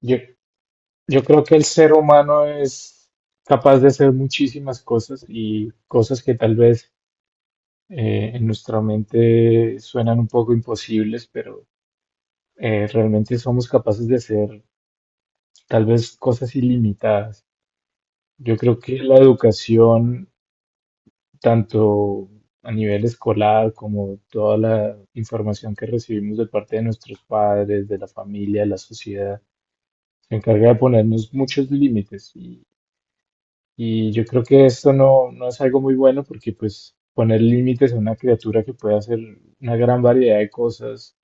Yo, yo creo que el ser humano es capaz de hacer muchísimas cosas y cosas que tal vez en nuestra mente suenan un poco imposibles, pero realmente somos capaces de hacer tal vez cosas ilimitadas. Yo creo que la educación, tanto a nivel escolar como toda la información que recibimos de parte de nuestros padres, de la familia, de la sociedad, se encarga de ponernos muchos límites. Y yo creo que esto no es algo muy bueno porque pues poner límites a una criatura que puede hacer una gran variedad de cosas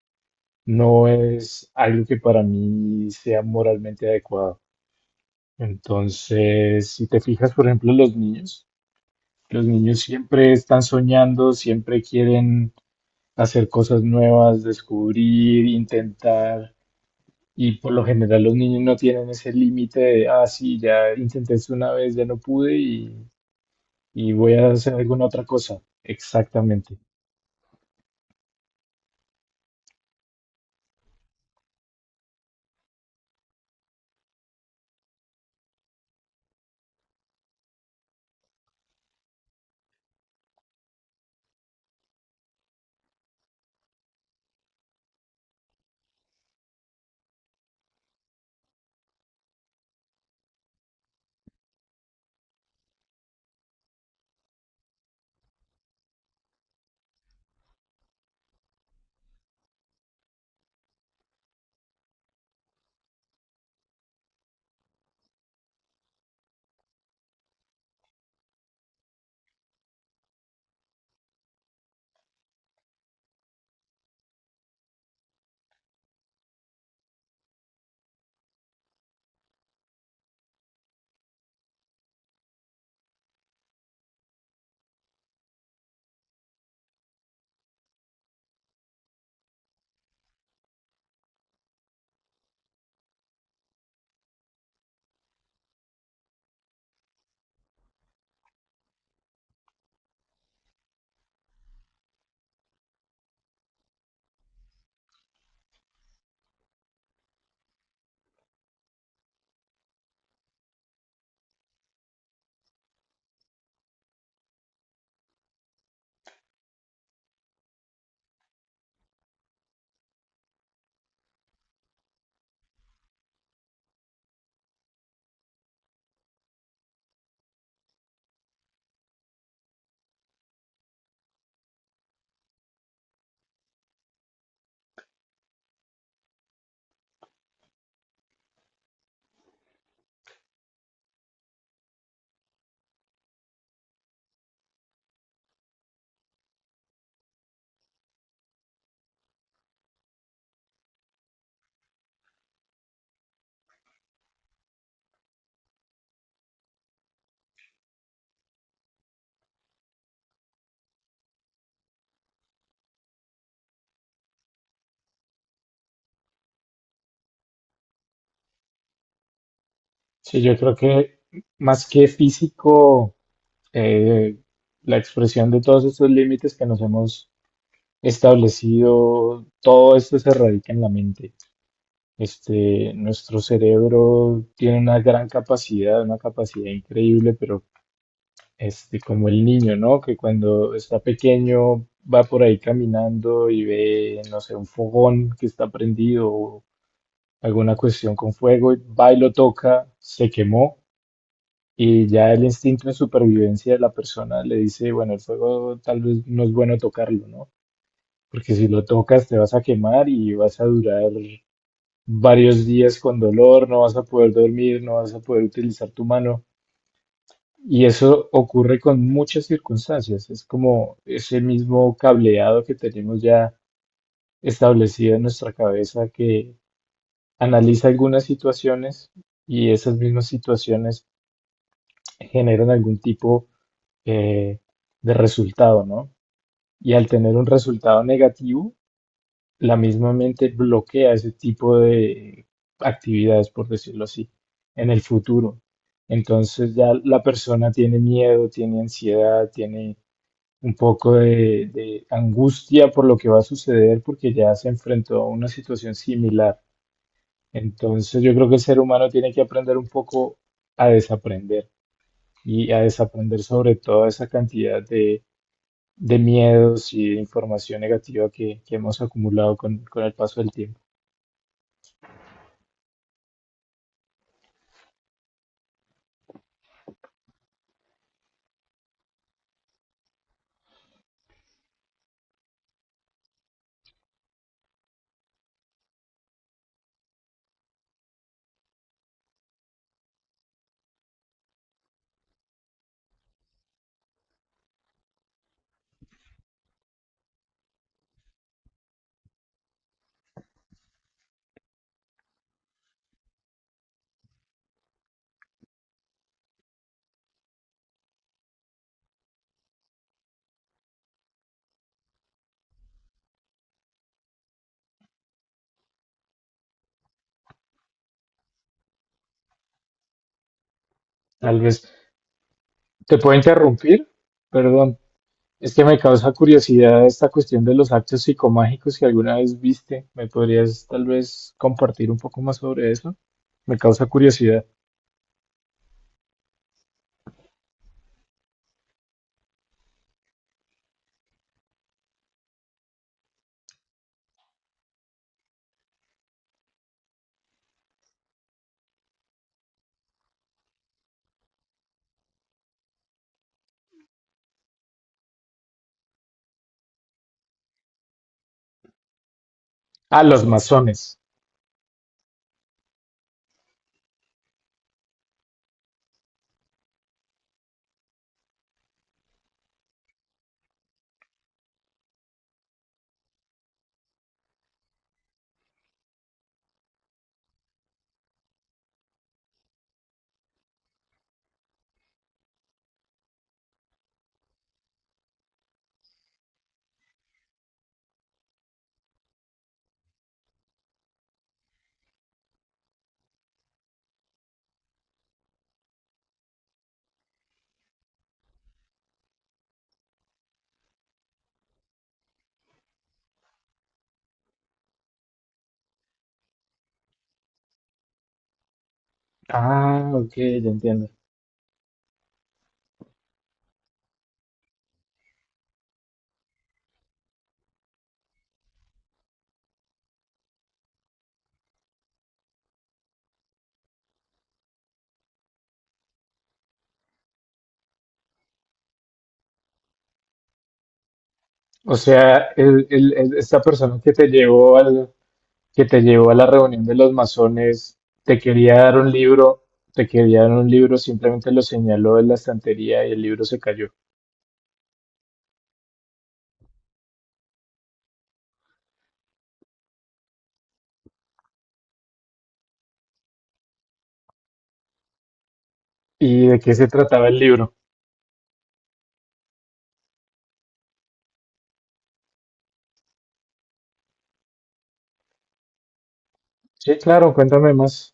no es algo que para mí sea moralmente adecuado. Entonces, si te fijas, por ejemplo, los niños siempre están soñando, siempre quieren hacer cosas nuevas, descubrir, intentar. Y por lo general los niños no tienen ese límite de, ah, sí, ya intenté esto una vez, ya no pude y voy a hacer alguna otra cosa. Exactamente. Sí, yo creo que más que físico, eh, la expresión de todos estos límites que nos hemos establecido, todo esto se radica en la mente. Este, nuestro cerebro tiene una gran capacidad, una capacidad increíble, pero este, como el niño, ¿no? Que cuando está pequeño va por ahí caminando y ve, no sé, un fogón que está prendido, alguna cuestión con fuego, y va y lo toca, se quemó, y ya el instinto de supervivencia de la persona le dice, bueno, el fuego tal vez no es bueno tocarlo, ¿no? Porque si lo tocas te vas a quemar y vas a durar varios días con dolor, no vas a poder dormir, no vas a poder utilizar tu mano. Y eso ocurre con muchas circunstancias. Es como ese mismo cableado que tenemos ya establecido en nuestra cabeza que analiza algunas situaciones y esas mismas situaciones generan algún tipo eh, de resultado, ¿no? Y al tener un resultado negativo, la misma mente bloquea ese tipo de actividades, por decirlo así, en el futuro. Entonces ya la persona tiene miedo, tiene ansiedad, tiene un poco de angustia por lo que va a suceder porque ya se enfrentó a una situación similar. Entonces yo creo que el ser humano tiene que aprender un poco a desaprender, y a desaprender sobre toda esa cantidad de miedos y de información negativa que hemos acumulado con el paso del tiempo. Tal vez te puedo interrumpir, perdón. Es que me causa curiosidad esta cuestión de los actos psicomágicos que alguna vez viste. ¿Me podrías tal vez compartir un poco más sobre eso? Me causa curiosidad. Ah, los masones. Ah, ok, ya entiendo. O sea, esta persona que te llevó al, que te llevó a la reunión de los masones, te quería dar un libro, te quería dar un libro, simplemente lo señaló en la estantería y el libro se cayó. ¿Y de qué se trataba el libro? Sí, claro, cuéntame más.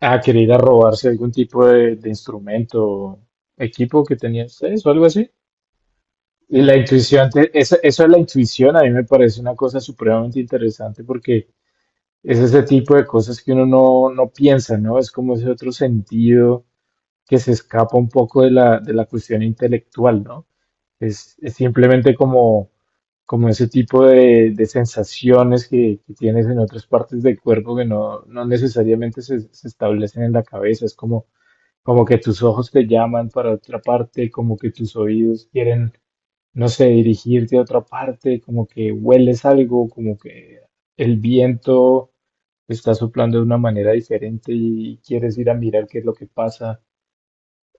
Ah, quería ir a robarse algún tipo de instrumento o equipo que tenían ustedes o algo así. Y la intuición, eso, eso de la intuición a mí me parece una cosa supremamente interesante porque es ese tipo de cosas que uno no piensa, ¿no? Es como ese otro sentido que se escapa un poco de la cuestión intelectual, ¿no? Es simplemente como, como ese tipo de sensaciones que tienes en otras partes del cuerpo que no necesariamente se establecen en la cabeza. Es como, como que tus ojos te llaman para otra parte, como que tus oídos quieren, no sé, dirigirte a otra parte, como que hueles algo, como que el viento está soplando de una manera diferente y quieres ir a mirar qué es lo que pasa.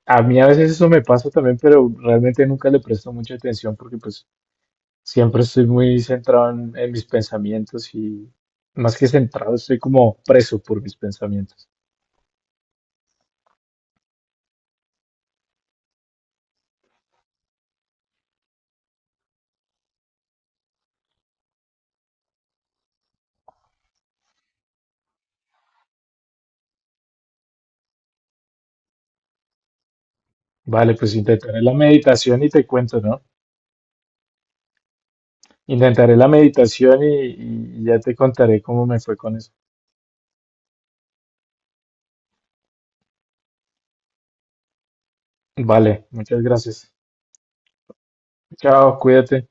A mí a veces eso me pasa también, pero realmente nunca le presto mucha atención porque pues siempre estoy muy centrado en mis pensamientos y más que centrado, estoy como preso por mis pensamientos. Vale, pues intentaré la meditación y te cuento, ¿no? Intentaré la meditación y ya te contaré cómo me fue con eso. Vale, muchas gracias. Chao, cuídate.